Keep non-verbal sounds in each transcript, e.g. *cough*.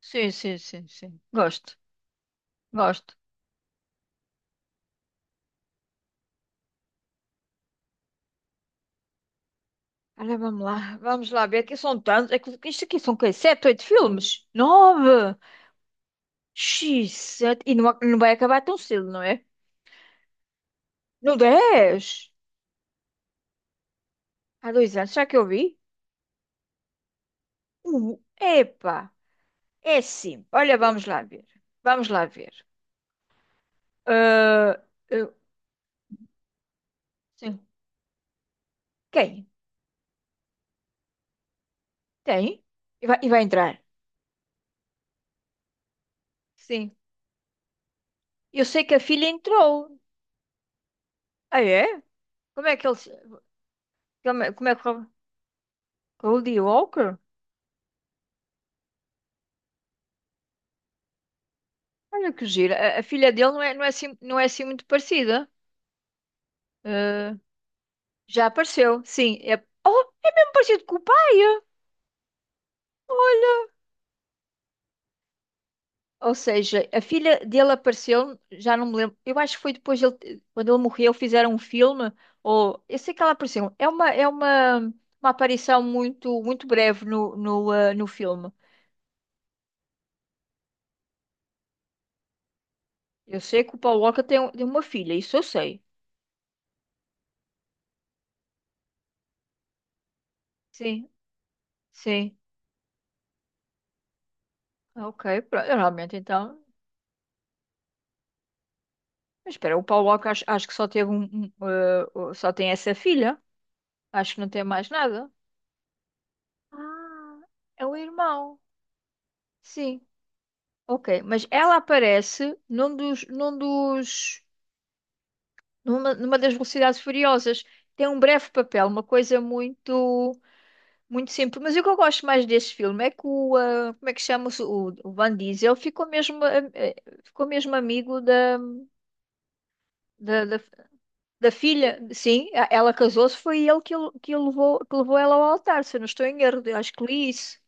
Sim, sim, sim, sim. Gosto, gosto. Olha, vamos lá ver. Aqui são tantos. É que isto aqui são o quê? Sete, oito filmes? Nove! X, sete. E não, não vai acabar tão cedo, não é? No 10! Há 2 anos, será que eu vi? Epa! É sim. Olha, vamos lá ver. Vamos lá ver. Ah, eu- sim. Quem? Tem? E vai entrar? Sim. Eu sei que a filha entrou. Ah, é? Como é que ele. Como é que. Goldie Walker? Olha que giro. A filha dele não é, não é assim, não é assim muito parecida. Ah, já apareceu, sim. É, oh, é mesmo parecido com o pai. Olha. Ou seja, a filha dele apareceu, já não me lembro. Eu acho que foi depois dele, quando ele morreu, fizeram um filme. Ou eu sei que ela apareceu. É uma aparição muito, muito breve no, no filme. Eu sei que o Paul Walker tem, tem uma filha, isso eu sei. Sim, sim. Ok, pronto. Realmente, então. Mas espera, o Paulo Walker acho, acho que só teve um, só tem essa filha. Acho que não tem mais nada. Ah, é o irmão. Sim. Ok, mas ela aparece num dos, numa das Velocidades Furiosas. Tem um breve papel, uma coisa muito, muito simples. Mas o que eu gosto mais desse filme é que como é que chama-se? O Van Diesel ficou mesmo amigo da, da. Da filha, sim, ela casou-se, foi ele que, que, o levou, que levou ela ao altar, se eu não estou em erro, eu acho que li isso.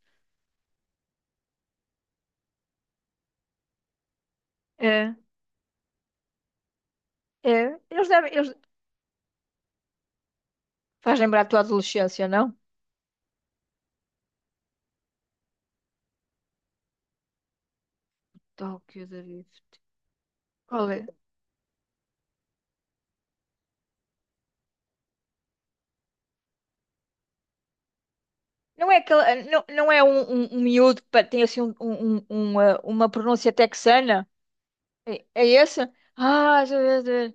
É, é. Eles devem, eles... Faz lembrar a tua adolescência, não? Tóquio da Drift. Qual é? Não é, aquele, não, não é um, um miúdo que tem assim um, uma pronúncia texana? É, é esse? Ah, já.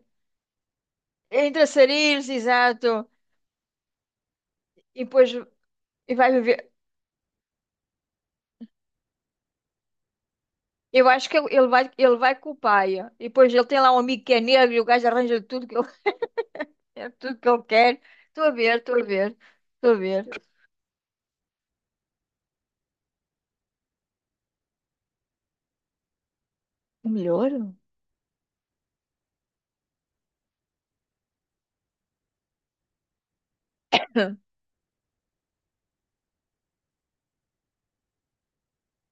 É entre sarilhos, exato. E depois e vai viver. Eu acho que ele vai com o pai. E depois ele tem lá um amigo que é negro e o gajo arranja tudo. É tudo que eu quero. Estou a ver, estou a ver, estou a ver. Melhor? *laughs*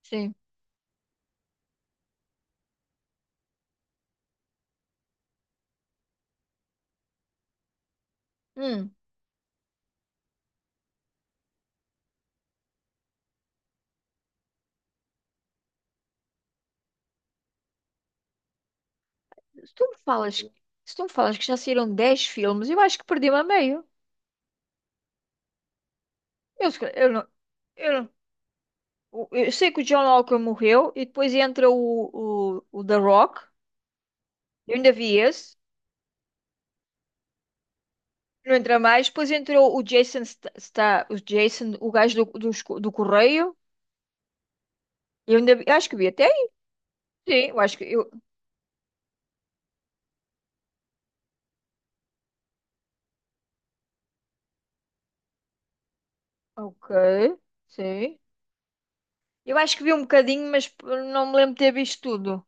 Sim. Hum, se tu me falas, se tu me falas que já saíram 10 filmes, eu acho que perdi-me a meio. Eu, se calhar- eu não, eu não- eu sei que o John Walker morreu e depois entra o The Rock. Eu ainda vi esse. Não entra mais. Depois entrou o Jason, está o Jason, o gajo do, do correio. Eu ainda acho que vi até aí. Sim, eu acho que eu. Ok, sim. Eu acho que vi um bocadinho, mas não me lembro de ter visto tudo.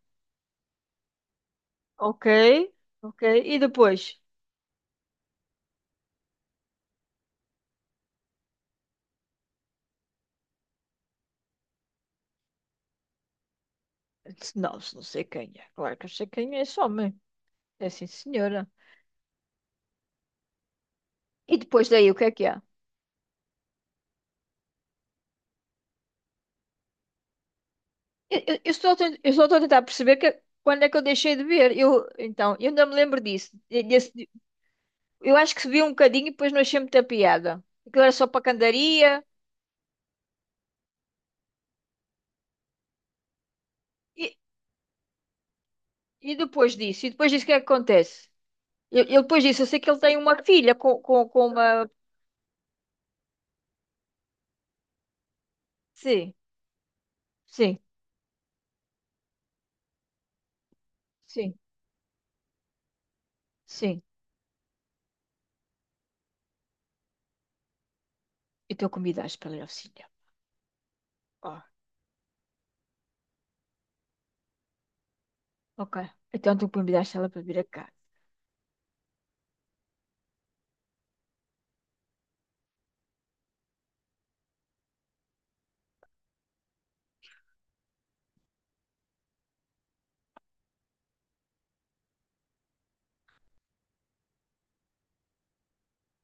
Ok, ok. E depois? Não, se não sei quem é. Claro que eu sei quem é só mãe. É sim, senhora. E depois daí, o que é que há? Eu só estou a tentar perceber quando é que eu deixei de ver. Eu, então, eu ainda me lembro disso. Eu acho que vi um bocadinho e depois não achei muita piada. Aquilo era só para candaria. E, e depois disso? E depois disso, o que é que acontece? Eu depois disso, eu sei que ele tem uma filha com, com uma... Sim, sim. Sim. Sim, e então convidaste para ir ao cinema. Oh, ok. Então tu convidaste ela para vir a casa.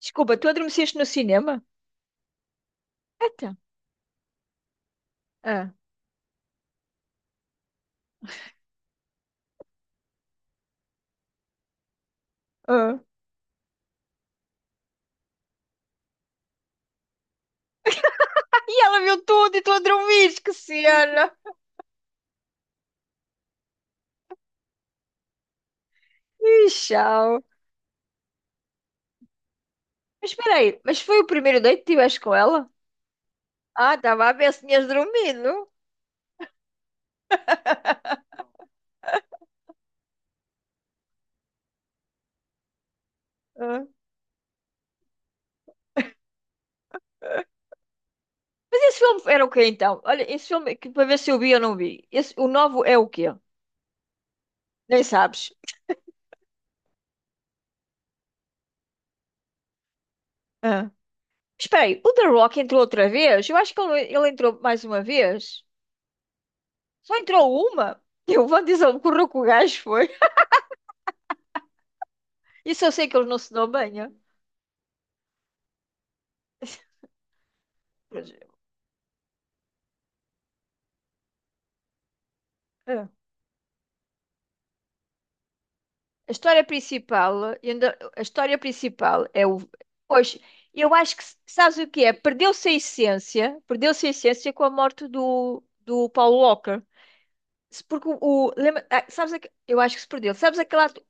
Desculpa, tu adormeceste no cinema? Então. Ah, ah. E ela viu tudo e tu a dormir, que cena! Ih, tchau. Mas espera aí, mas foi o primeiro date que tiveste com ela? Ah, estava a ver se tinhas dormido. Ah. Mas esse filme era o quê então? Olha, esse filme, é que, para ver se eu vi ou não vi. Esse, o novo é o quê? Nem sabes. Ah. Espera aí, o The Rock entrou outra vez? Eu acho que ele entrou mais uma vez. Só entrou uma? *laughs* E o Vandizão o que o gajo, foi. Isso eu sei que ele não se dão bem, é? É. A história principal, a história principal é o. Pois, eu acho que sabes o que é? Perdeu-se a essência com a morte do, Paul Walker. Porque o. Sabes eu acho que se perdeu. Sabes aquele ato?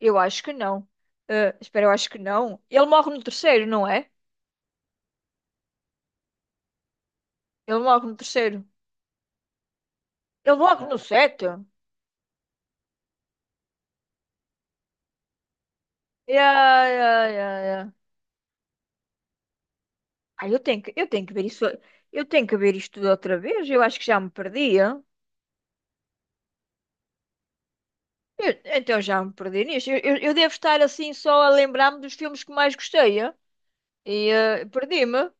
Eu acho que não. Ah, espera, eu acho que não. Ele morre no terceiro, não é? Ele morre no terceiro. Ele morre no sete. Yeah, yeah, yeah, yeah. Ah, eu tenho que ver isso. Eu tenho que ver isto tudo outra vez. Eu acho que já me perdia. Então já me perdi nisto. Eu devo estar assim só a lembrar-me dos filmes que mais gostei, eh? E perdi-me.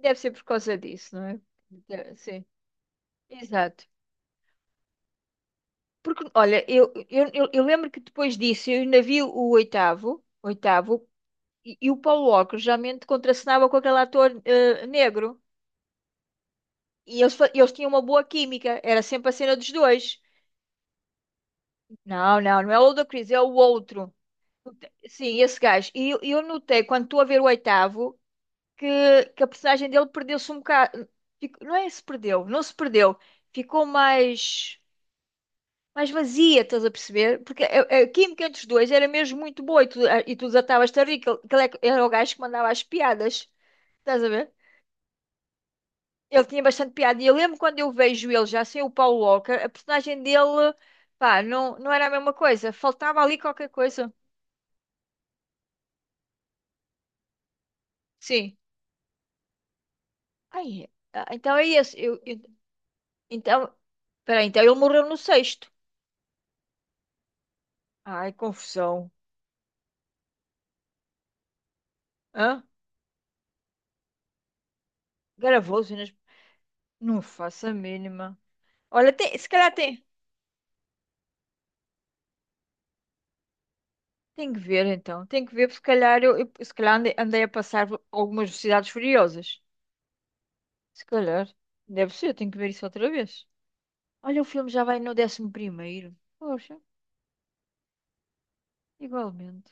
Deve ser por causa disso, não é? Sim, exato. Porque, olha, eu lembro que depois disso eu ainda vi o oitavo, oitavo, e o Paulo Walker geralmente contracenava com aquele ator negro. E eles, eles tinham uma boa química. Era sempre a cena dos dois. Não, não, não é o Ludacris, é o outro. Sim, esse gajo. E eu notei, quando estou a ver o oitavo, que, a personagem dele perdeu-se um bocado. Não é se perdeu, não se perdeu. Ficou mais, mais vazia, estás a perceber? Porque a química entre os dois era mesmo muito boa e tu desatavas-te a rir, que ele é que era o gajo que mandava as piadas, estás a ver? Ele tinha bastante piada. E eu lembro quando eu vejo ele já sem o Paul Walker, a personagem dele, pá, não, não era a mesma coisa. Faltava ali qualquer coisa. Sim. Ai, ah, então é isso. Então, peraí, então ele morreu no sexto. Ai, confusão. Hã? Gravou-se nas... Não faço a mínima. Olha, se calhar tem que ver então. Tem que ver, porque se calhar se calhar andei a passar algumas velocidades furiosas. Se calhar. Deve ser, tenho que ver isso outra vez. Olha, o filme já vai no 11.º. Poxa, igualmente.